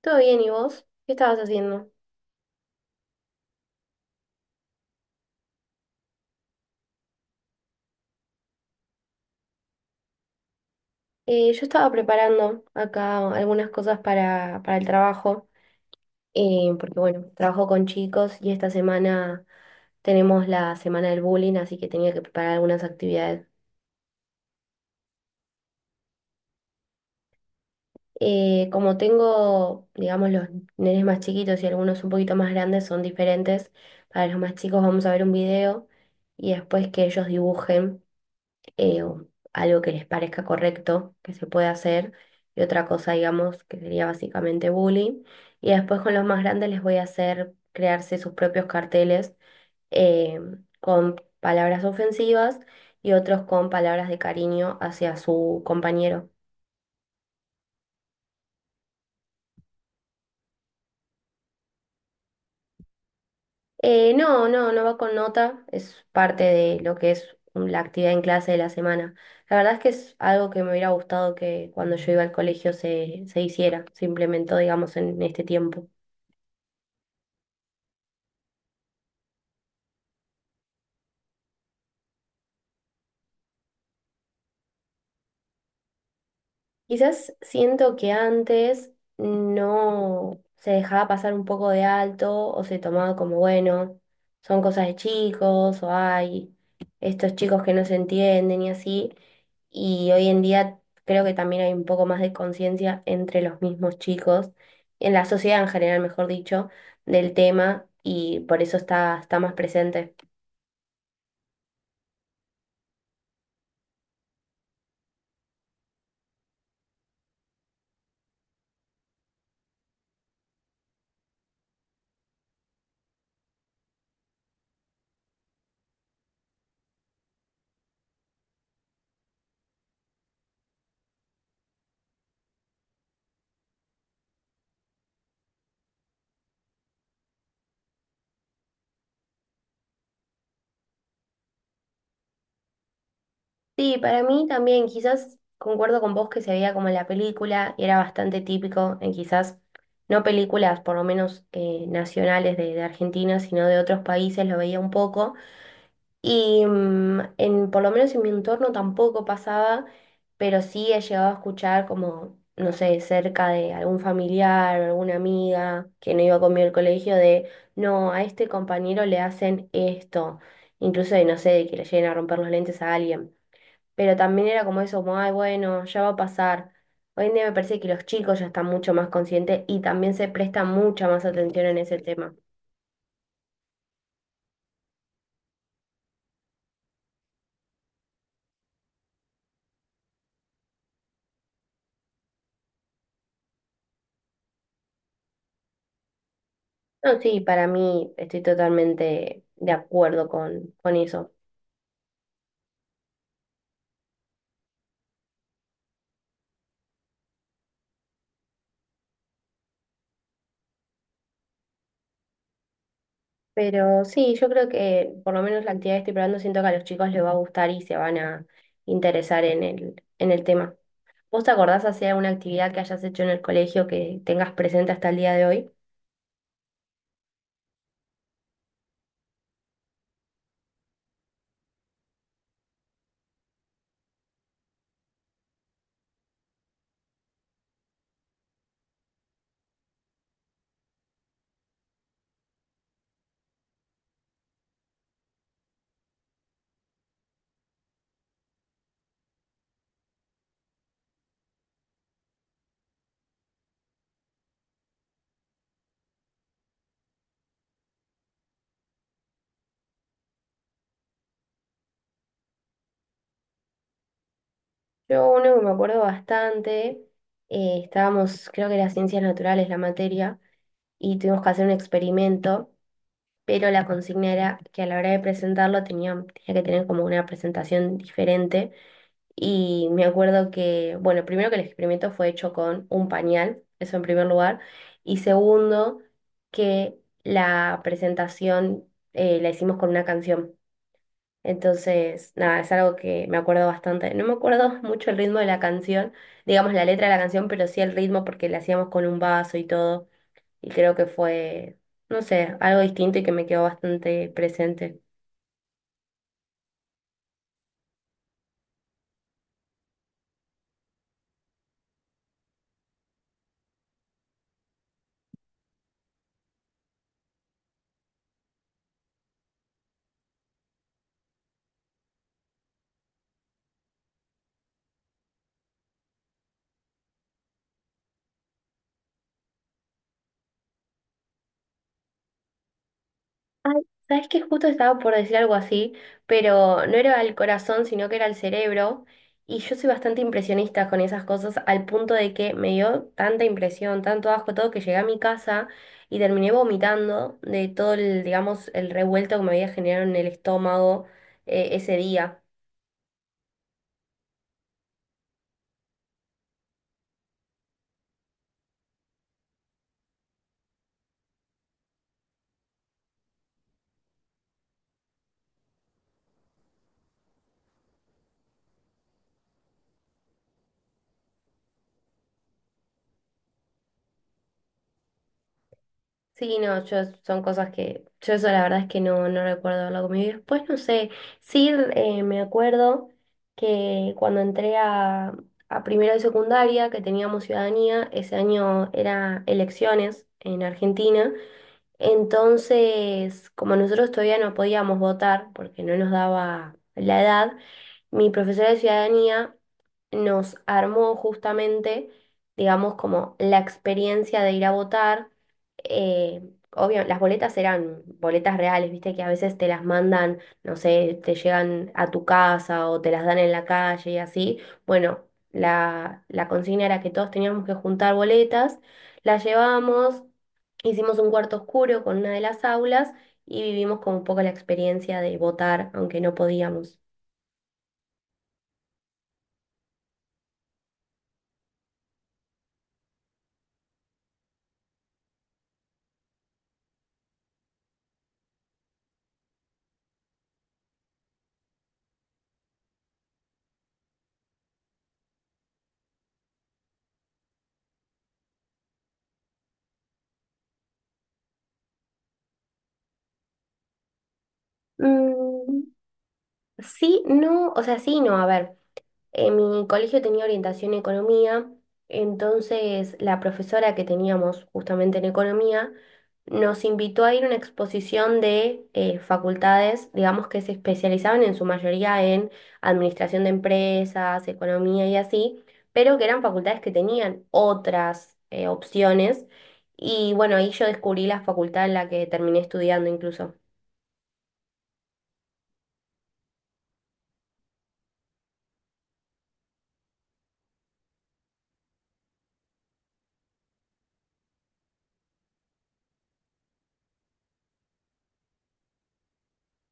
Todo bien, ¿y vos? ¿Qué estabas haciendo? Yo estaba preparando acá algunas cosas para el trabajo, porque bueno, trabajo con chicos y esta semana tenemos la semana del bullying, así que tenía que preparar algunas actividades. Como tengo, digamos, los nenes más chiquitos y algunos un poquito más grandes son diferentes, para los más chicos vamos a ver un video y después que ellos dibujen. O algo que les parezca correcto que se pueda hacer, y otra cosa, digamos, que sería básicamente bullying. Y después con los más grandes les voy a hacer crearse sus propios carteles eh, con palabras ofensivas y otros con palabras de cariño hacia su compañero. No, no, no va con nota, es parte de lo que es la actividad en clase de la semana. La verdad es que es algo que me hubiera gustado que cuando yo iba al colegio se hiciera, se implementó, digamos, en este tiempo. Quizás siento que antes no se dejaba pasar un poco de alto o se tomaba como, bueno, son cosas de chicos o hay estos chicos que no se entienden y así. Y hoy en día creo que también hay un poco más de conciencia entre los mismos chicos, en la sociedad en general, mejor dicho, del tema y por eso está más presente. Sí, para mí también, quizás concuerdo con vos que se veía como en la película y era bastante típico en quizás, no películas por lo menos nacionales de Argentina, sino de otros países, lo veía un poco. Y por lo menos en mi entorno tampoco pasaba, pero sí he llegado a escuchar como, no sé, cerca de algún familiar o alguna amiga que no iba conmigo al colegio de, no, a este compañero le hacen esto, incluso de, no sé, de que le lleguen a romper los lentes a alguien pero también era como eso, como, ay, bueno, ya va a pasar. Hoy en día me parece que los chicos ya están mucho más conscientes y también se presta mucha más atención en ese tema. No, sí, para mí estoy totalmente de acuerdo con eso. Pero sí, yo creo que por lo menos la actividad que estoy probando siento que a los chicos les va a gustar y se van a interesar en en el tema. ¿Vos te acordás hacer alguna actividad que hayas hecho en el colegio que tengas presente hasta el día de hoy? Yo uno que me acuerdo bastante, estábamos, creo que era ciencias naturales la materia, y tuvimos que hacer un experimento, pero la consigna era que a la hora de presentarlo tenía que tener como una presentación diferente. Y me acuerdo que, bueno, primero que el experimento fue hecho con un pañal, eso en primer lugar, y segundo que la presentación la hicimos con una canción. Entonces, nada, es algo que me acuerdo bastante. No me acuerdo mucho el ritmo de la canción, digamos la letra de la canción, pero sí el ritmo porque la hacíamos con un vaso y todo. Y creo que fue, no sé, algo distinto y que me quedó bastante presente. Ay, sabes que justo estaba por decir algo así, pero no era al corazón, sino que era al cerebro. Y yo soy bastante impresionista con esas cosas, al punto de que me dio tanta impresión, tanto asco todo, que llegué a mi casa y terminé vomitando de todo el, digamos, el revuelto que me había generado en el estómago ese día. Sí, no, yo son cosas que yo eso la verdad es que no, no recuerdo haberlo comido. Después, no sé, sí me acuerdo que cuando entré a primero de secundaria, que teníamos ciudadanía, ese año era elecciones en Argentina entonces, como nosotros todavía no podíamos votar porque no nos daba la edad, mi profesora de ciudadanía nos armó justamente, digamos, como la experiencia de ir a votar. Eh, Obvio, las boletas eran boletas reales, viste que a veces te las mandan, no sé, te llegan a tu casa o te las dan en la calle y así. Bueno, la consigna era que todos teníamos que juntar boletas, las llevábamos. Hicimos un cuarto oscuro con una de las aulas y vivimos como un poco la experiencia de votar, aunque no podíamos. Mm, sí, no, o sea, sí, no, a ver. En mi colegio tenía orientación en economía, entonces la profesora que teníamos justamente en economía nos invitó a ir a una exposición de facultades, digamos que se especializaban en su mayoría en administración de empresas, economía y así, pero que eran facultades que tenían otras opciones. Y bueno, ahí yo descubrí la facultad en la que terminé estudiando incluso.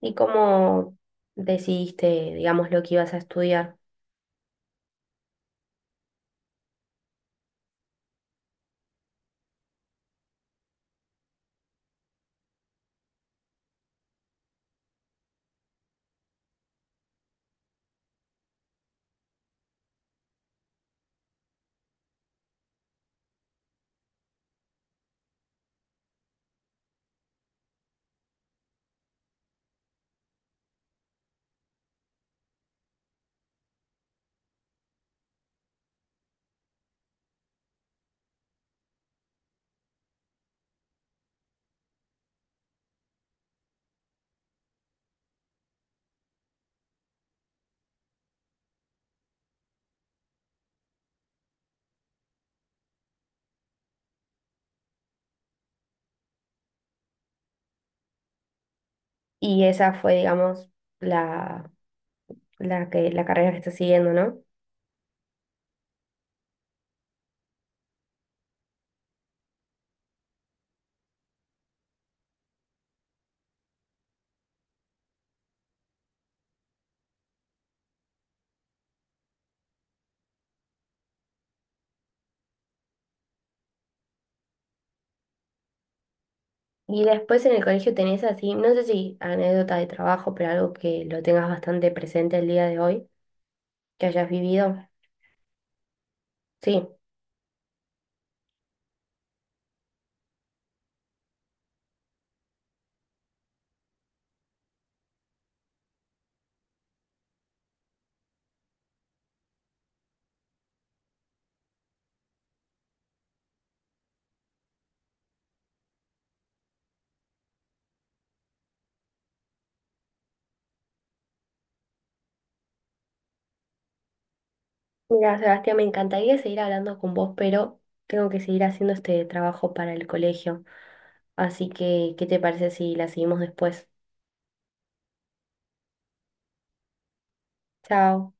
¿Y cómo decidiste, digamos, lo que ibas a estudiar? Y esa fue, digamos, la, la carrera que estás siguiendo, ¿no? Y después en el colegio tenés así, no sé si anécdota de trabajo, pero algo que lo tengas bastante presente el día de hoy, que hayas vivido. Sí. Mira, Sebastián, me encantaría seguir hablando con vos, pero tengo que seguir haciendo este trabajo para el colegio. Así que, ¿qué te parece si la seguimos después? Chao.